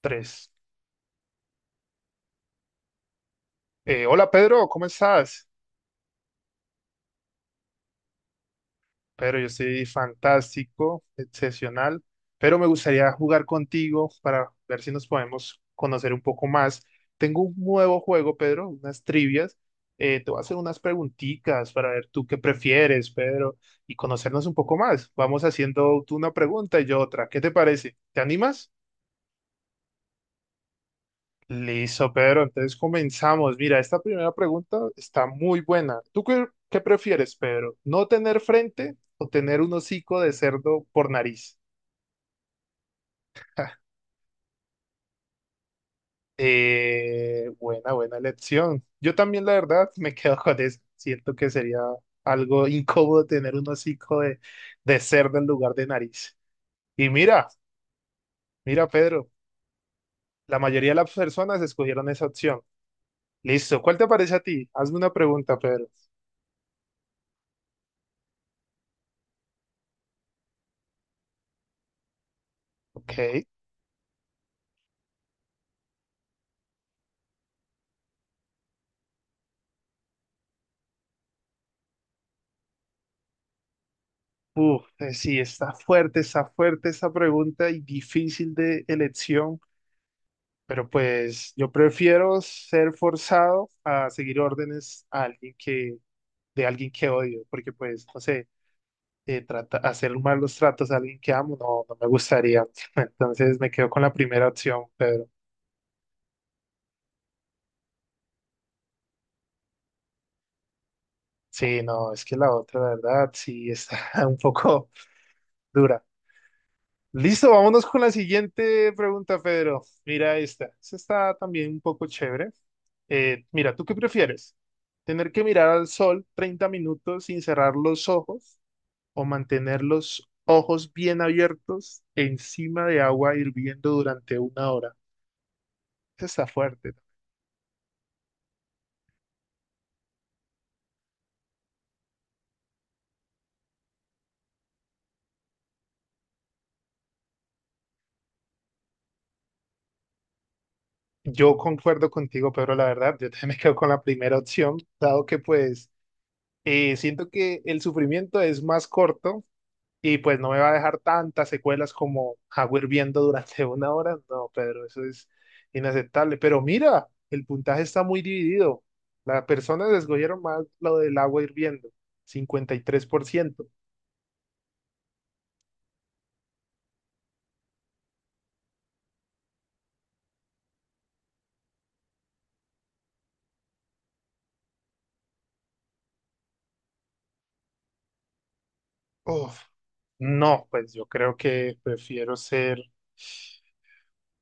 Tres. Hola Pedro, ¿cómo estás? Pedro, yo estoy fantástico, excepcional, pero me gustaría jugar contigo para ver si nos podemos conocer un poco más. Tengo un nuevo juego, Pedro, unas trivias. Te voy a hacer unas preguntitas para ver tú qué prefieres, Pedro, y conocernos un poco más. Vamos haciendo tú una pregunta y yo otra. ¿Qué te parece? ¿Te animas? Listo, Pedro. Entonces comenzamos. Mira, esta primera pregunta está muy buena. ¿Tú qué prefieres, Pedro? ¿No tener frente o tener un hocico de cerdo por nariz? Buena, buena elección. Yo también, la verdad, me quedo con eso. Siento que sería algo incómodo tener un hocico de cerdo en lugar de nariz. Y mira, Pedro, la mayoría de las personas escogieron esa opción. Listo, ¿cuál te parece a ti? Hazme una pregunta, Pedro. Ok. Uf, sí, está fuerte esa pregunta y difícil de elección, pero pues yo prefiero ser forzado a seguir órdenes a alguien que, de alguien que odio, porque pues, no sé, trata, hacer malos tratos a alguien que amo, no, no me gustaría. Entonces me quedo con la primera opción, pero sí, no, es que la otra, la verdad, sí está un poco dura. Listo, vámonos con la siguiente pregunta, Pedro. Mira esta. Esta está también un poco chévere. Mira, ¿tú qué prefieres? ¿Tener que mirar al sol 30 minutos sin cerrar los ojos o mantener los ojos bien abiertos encima de agua hirviendo durante una hora? Esta está fuerte. Yo concuerdo contigo, Pedro, la verdad. Yo también me quedo con la primera opción, dado que pues siento que el sufrimiento es más corto. Y pues no me va a dejar tantas secuelas como agua hirviendo durante una hora. No, Pedro, eso es inaceptable. Pero mira, el puntaje está muy dividido. Las personas escogieron más lo del agua hirviendo, 53%. Uf, no, pues yo creo que prefiero ser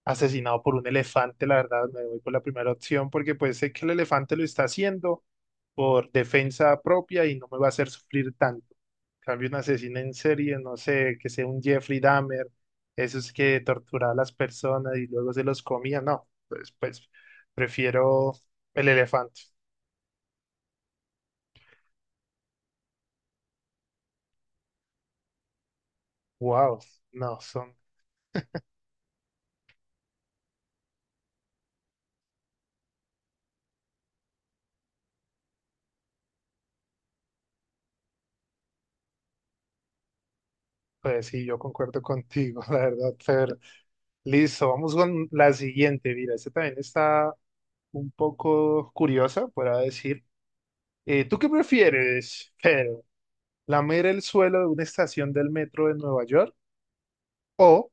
asesinado por un elefante, la verdad, me voy por la primera opción porque pues sé que el elefante lo está haciendo por defensa propia y no me va a hacer sufrir tanto. En cambio, un asesino en serie, no sé, que sea un Jeffrey Dahmer, esos que torturaba a las personas y luego se los comía, no, pues, pues prefiero el elefante. Wow, no, son, pues sí, yo concuerdo contigo, la verdad, Fer. Listo, vamos con la siguiente, mira, esta también está un poco curiosa, por decir. ¿Tú qué prefieres, Pedro? ¿Lamer el suelo de una estación del metro de Nueva York o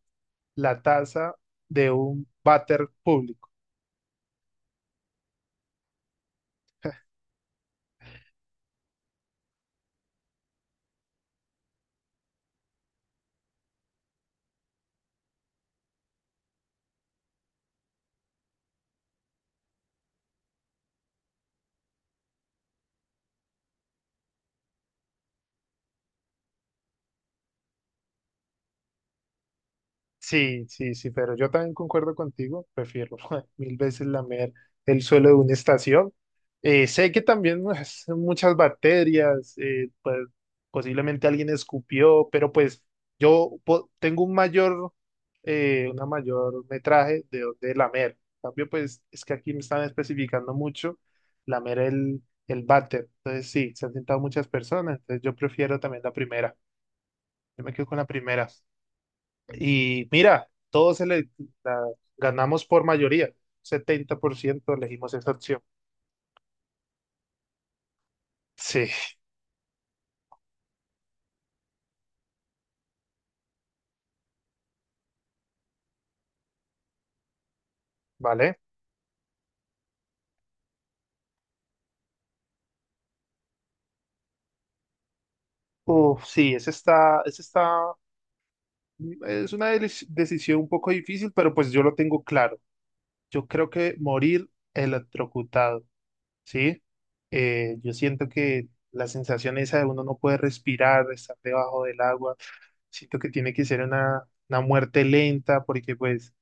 la taza de un váter público? Sí, sí, sí, pero yo también concuerdo contigo, prefiero mil veces lamer el suelo de una estación. Sé que también pues, muchas bacterias, pues posiblemente alguien escupió, pero pues tengo un mayor, una mayor metraje de lamer. En cambio, pues es que aquí me están especificando mucho lamer el váter. Entonces sí, se han sentado muchas personas, entonces yo prefiero también la primera. Yo me quedo con la primera. Y mira, todos se le, la- ganamos por mayoría. 70% elegimos esa opción. Sí, ¿vale? Uf, sí, esa está, es una decisión un poco difícil, pero pues yo lo tengo claro. Yo creo que morir electrocutado, ¿sí? Yo siento que la sensación esa de uno no puede respirar, estar debajo del agua, siento que tiene que ser una muerte lenta, porque pues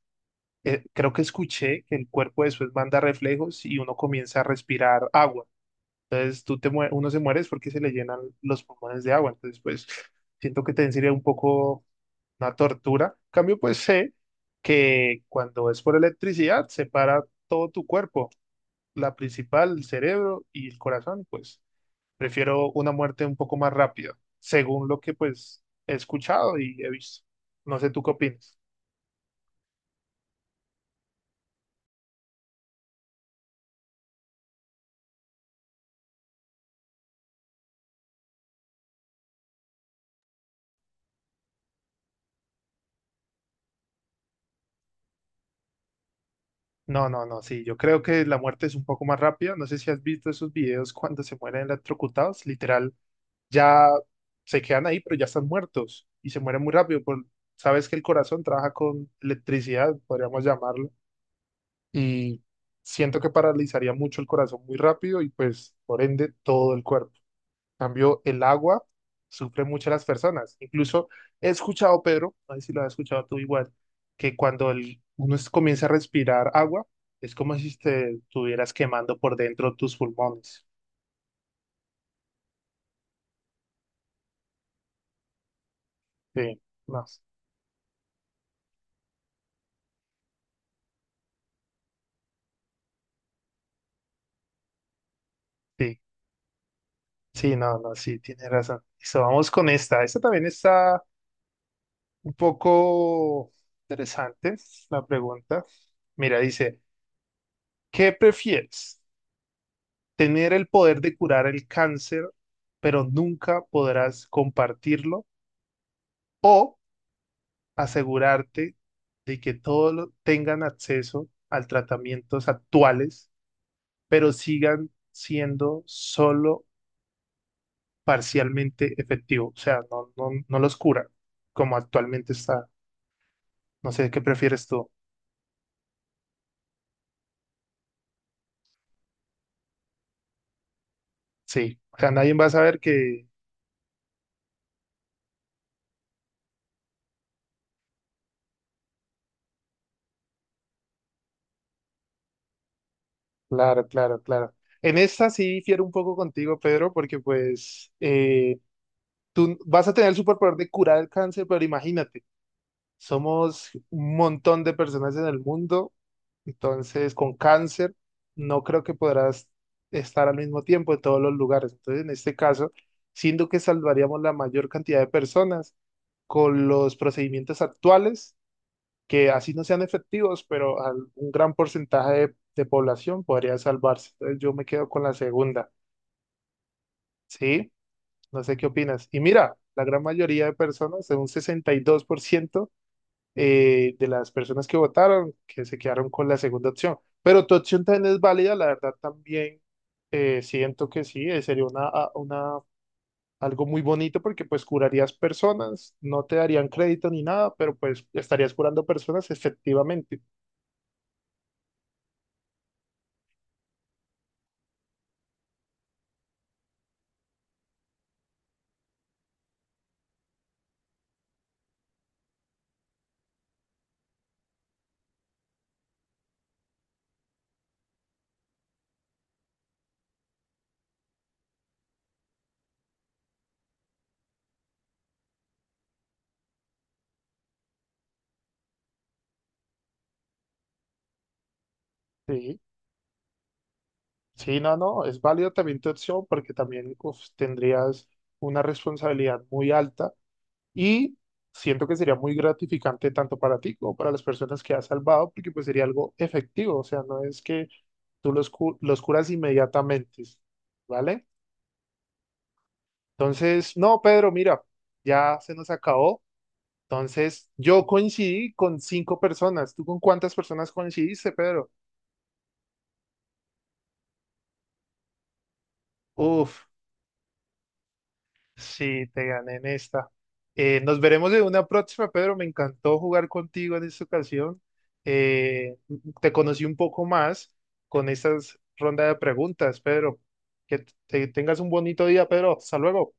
creo que escuché que el cuerpo después manda reflejos y uno comienza a respirar agua. Entonces uno se muere es porque se le llenan los pulmones de agua. Entonces, pues siento que también sería un poco una tortura. En cambio, pues sé que cuando es por electricidad se para todo tu cuerpo, la principal, el cerebro y el corazón. Pues prefiero una muerte un poco más rápida, según lo que pues he escuchado y he visto. No sé, ¿tú qué opinas? No, no, no, sí, yo creo que la muerte es un poco más rápida. No sé si has visto esos videos cuando se mueren electrocutados, literal, ya se quedan ahí, pero ya están muertos y se mueren muy rápido. Por, sabes que el corazón trabaja con electricidad, podríamos llamarlo, y siento que paralizaría mucho el corazón muy rápido y pues por ende todo el cuerpo. Cambio, el agua sufre mucho a las personas. Incluso he escuchado, Pedro, no sé si lo has escuchado tú igual, que cuando uno comienza a respirar agua, es como si te estuvieras quemando por dentro tus pulmones. Sí, no, sí, sí, no, no, sí, tienes razón. Listo, vamos con esta. Esta también está un poco interesante, la pregunta. Mira, dice, ¿qué prefieres? Tener el poder de curar el cáncer, pero nunca podrás compartirlo o asegurarte de que todos tengan acceso al tratamientos actuales, pero sigan siendo solo parcialmente efectivos, o sea, no los cura como actualmente está. No sé qué prefieres tú. Sí, o sea, nadie va a saber que... Claro, claro, claro. En esta sí difiero un poco contigo, Pedro, porque pues... tú vas a tener el superpoder de curar el cáncer, pero imagínate, somos un montón de personas en el mundo, entonces con cáncer no creo que podrás estar al mismo tiempo en todos los lugares. Entonces, en este caso, siendo que salvaríamos la mayor cantidad de personas con los procedimientos actuales, que así no sean efectivos, pero un gran porcentaje de población podría salvarse. Entonces, yo me quedo con la segunda, ¿sí? No sé qué opinas. Y mira, la gran mayoría de personas, un 62% de las personas que votaron, que se quedaron con la segunda opción. Pero tu opción también es válida, la verdad también siento que sí, sería una, algo muy bonito porque pues curarías personas, no te darían crédito ni nada, pero pues estarías curando personas efectivamente. Sí, sí, no, no, es válido también tu opción porque también uf, tendrías una responsabilidad muy alta. Y siento que sería muy gratificante tanto para ti como para las personas que has salvado, porque pues sería algo efectivo, o sea, no es que tú los curas inmediatamente, ¿vale? Entonces, no, Pedro, mira, ya se nos acabó. Entonces, yo coincidí con cinco personas. ¿Tú con cuántas personas coincidiste, Pedro? Uf. Sí, te gané en esta. Nos veremos en una próxima, Pedro. Me encantó jugar contigo en esta ocasión. Eh, Te conocí un poco más con estas ronda de preguntas, Pedro. Que tengas un bonito día, Pedro. Hasta luego.